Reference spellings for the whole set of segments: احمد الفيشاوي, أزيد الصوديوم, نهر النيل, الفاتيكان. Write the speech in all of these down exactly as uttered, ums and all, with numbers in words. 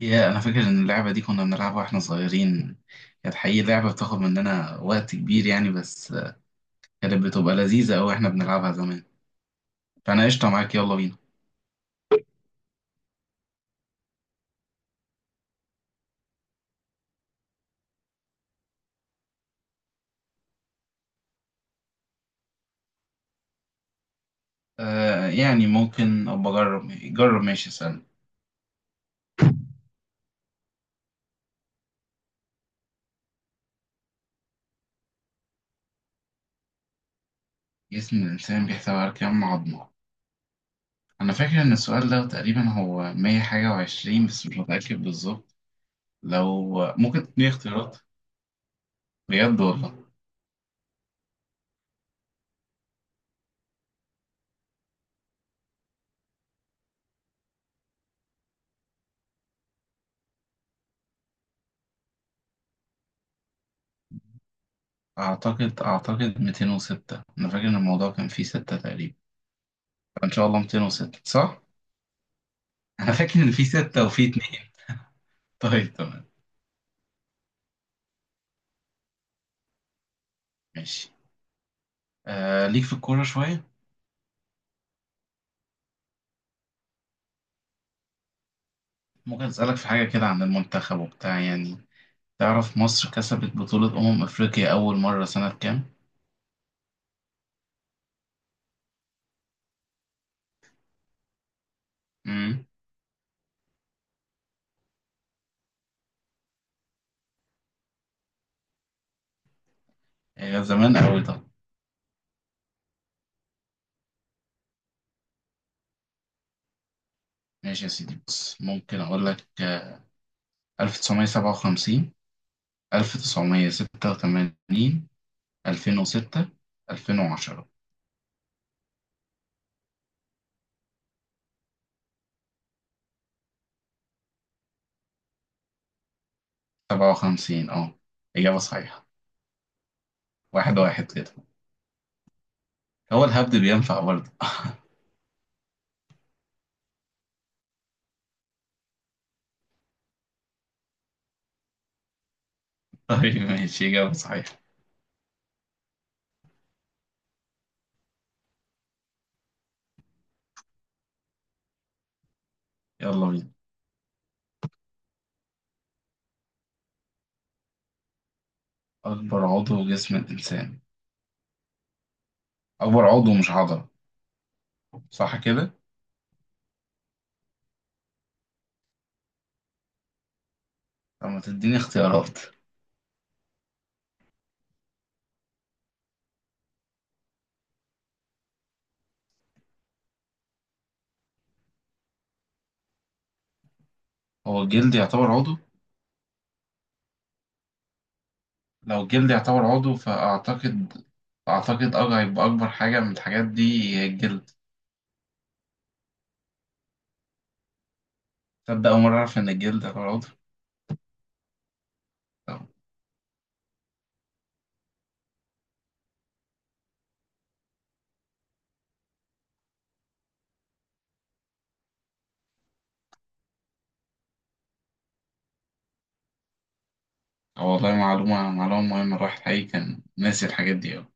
يا انا فاكر ان اللعبه دي كنا بنلعبها واحنا صغيرين. كانت حقيقي لعبه بتاخد مننا وقت كبير يعني، بس كانت بتبقى لذيذه قوي احنا بنلعبها زمان. فانا قشطه معاك، يلا بينا. آه، يعني ممكن ابقى اجرب جرب. ماشي، اسال. جسم الانسان بيحتوي على كام عظمه؟ انا فاكر ان السؤال ده تقريبا هو مية حاجه وعشرين، بس مش متاكد بالظبط. لو ممكن تديني اختيارات، بجد والله. اعتقد اعتقد مئتين وستة. انا فاكر ان الموضوع كان فيه ستة تقريبا. فان شاء الله مئتين وستة صح. انا فاكر ان في ستة وفي اتنين. طيب تمام. ماشي. آه، ليك في الكورة شوية. ممكن اسألك في حاجة كده عن المنتخب وبتاع يعني. تعرف مصر كسبت بطولة أمم أفريقيا أول مرة سنة كام؟ امم هي زمان أوي. طب ماشي يا سيدي، بص ممكن أقول لك آه، ألف وتسعمية وسبعة وخمسين، ألف وتسعمية وستة وثمانين، ألفين وستة، ألفين وعشرة. سبعة وخمسين، اه. إجابة صحيحة. واحد واحد كده. هو الهبد بينفع برضه. طيب ماشي، إجابة صحيحة. يلا بينا. أكبر عضو جسم الإنسان. أكبر عضو مش عضلة، صح كده؟ طب ما تديني اختيارات. هو الجلد يعتبر عضو؟ لو الجلد يعتبر عضو فأعتقد، أعتقد أه هيبقى أكبر حاجة من الحاجات دي هي الجلد. تصدق أول مرة أعرف إن الجلد يعتبر عضو؟ طب، أه والله معلومة، معلومة مهمة. الواحد حقيقي كان ناسي الحاجات دي أوي.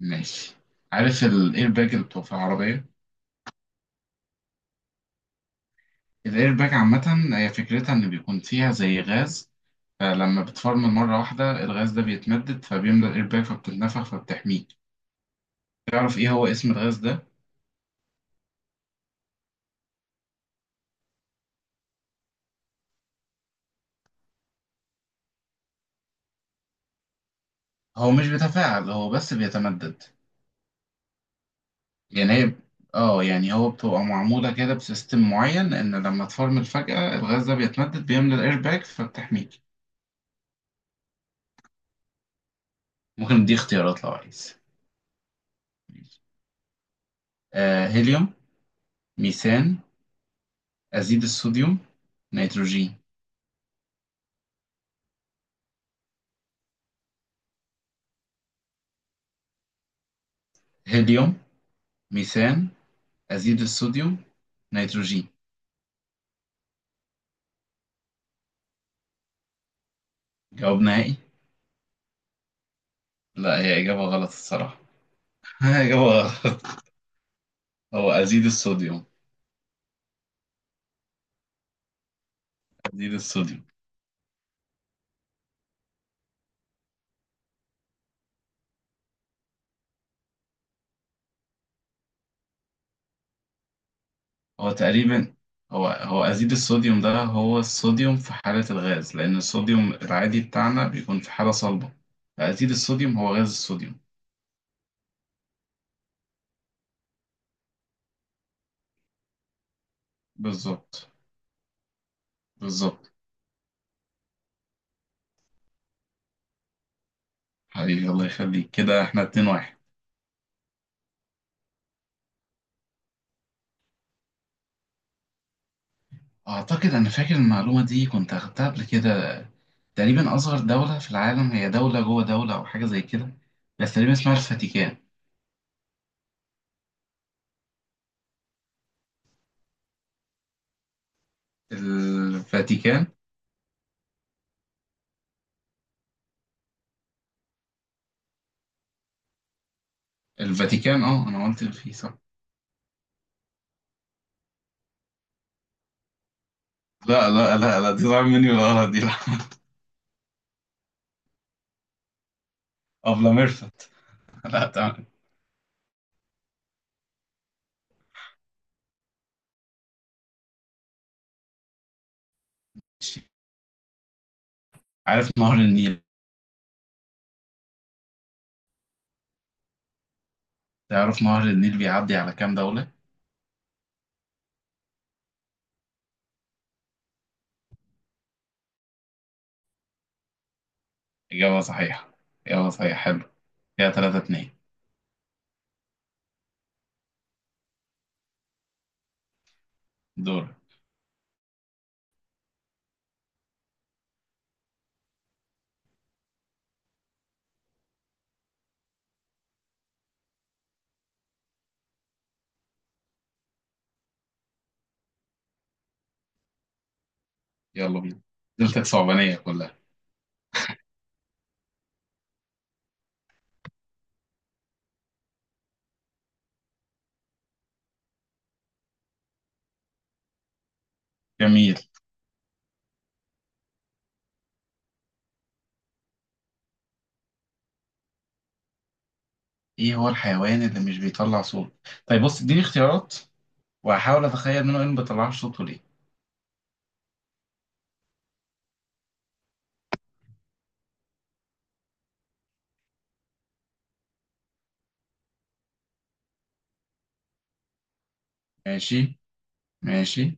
ماشي. عارف الإيرباج اللي بتبقى في العربية؟ الإيرباج عامة هي فكرتها إن بيكون فيها زي غاز. آه، لما بتفرمل مرة واحدة الغاز ده بيتمدد فبيملى الايرباك فبتتنفخ فبتحميك. تعرف ايه هو اسم الغاز ده؟ هو مش بيتفاعل، هو بس بيتمدد. يعني هي، اه يعني هو بتبقى معمولة كده بسيستم معين ان لما تفرمل فجأة الغاز ده بيتمدد بيملى الايرباك فبتحميك. ممكن دي اختيارات لو عايز. آه، هيليوم، ميثان، أزيد الصوديوم، نيتروجين. هيليوم، ميثان، أزيد الصوديوم، نيتروجين. جواب نهائي. لا، هي إجابة غلط الصراحة. هاي هو، هو أزيد الصوديوم. أزيد الصوديوم. هو تقريبا، هو هو أزيد الصوديوم ده هو الصوديوم في حالة الغاز، لأن الصوديوم العادي بتاعنا بيكون في حالة صلبة. فأزيد الصوديوم هو غاز الصوديوم. بالظبط، بالظبط. حبيبي الله يخليك، كده احنا اتنين واحد. أعتقد، أنا فاكر المعلومة دي كنت أخدتها قبل كده. تقريبا أصغر دولة في العالم هي دولة جوه دولة أو حاجة زي كده، بس تقريبا اسمها الفاتيكان. الفاتيكان. الفاتيكان، اه أنا قلت في، صح. لا لا لا لا، دي ضاع مني الغلط دي، لا. أبلة ميرفت. لا تمام. عارف نهر النيل. تعرف نهر النيل بيعدي على كام دولة؟ إجابة صحيحة. إجابة صحيحة، حلو. كده تلاتة اتنين. دور. يلا بينا. دولتك صعبانية كلها. جميل. إيه هو الحيوان اللي مش بيطلع صوت؟ طيب بص، اديني اختيارات وهحاول أتخيل منه إيه اللي ما بيطلعش صوته ليه. ماشي. ماشي.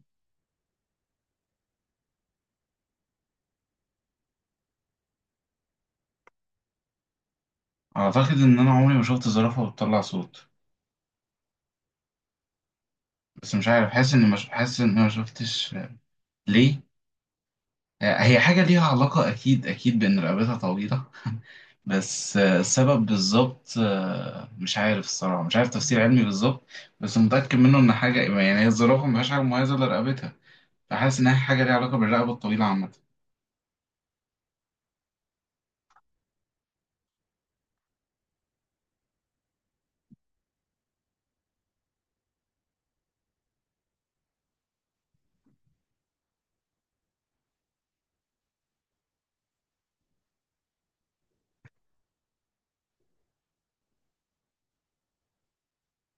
أعتقد إن أنا عمري ما شفت زرافة بتطلع صوت. بس مش عارف، حاسس إني مش حاسس إني ما شفتش. ليه؟ آه، هي حاجة ليها علاقة أكيد، أكيد بإن رقبتها طويلة. بس آه، السبب بالظبط آه، مش عارف الصراحة، مش عارف تفسير علمي بالظبط. بس متأكد منه إن حاجة يعني، هي الزرافة مفيهاش حاجة مميزة إلا رقبتها. فحاسس إنها حاجة ليها علاقة بالرقبة الطويلة عامة.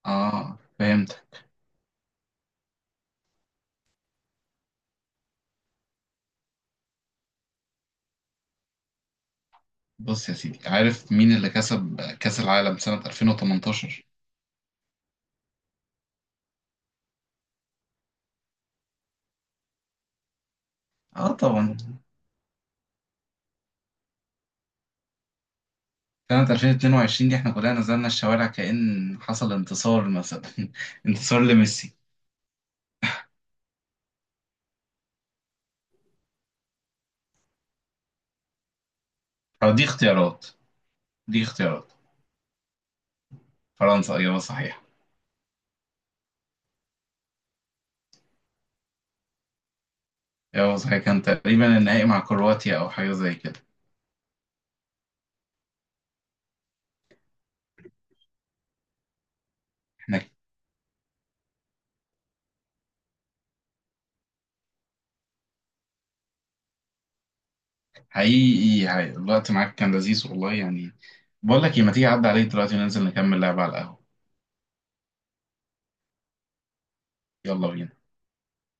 آه فهمت. بص يا سيدي، عارف مين اللي كسب كأس العالم سنة ألفين وتمنتاشر؟ آه طبعا. سنة ألفين واتنين وعشرين دي إحنا كلنا نزلنا الشوارع كأن حصل انتصار مثلا. انتصار لميسي. أو دي اختيارات. دي اختيارات. فرنسا إجابة صحيحة. إجابة صحيحة، كان تقريبا النهائي مع كرواتيا أو حاجة زي كده. إحنا حقيقي، حقيقي الوقت معاك كان لذيذ والله يعني. بقول لك إيه، ما تيجي أعدي عليك دلوقتي وننزل نكمل لعب على القهوة. يلا بينا.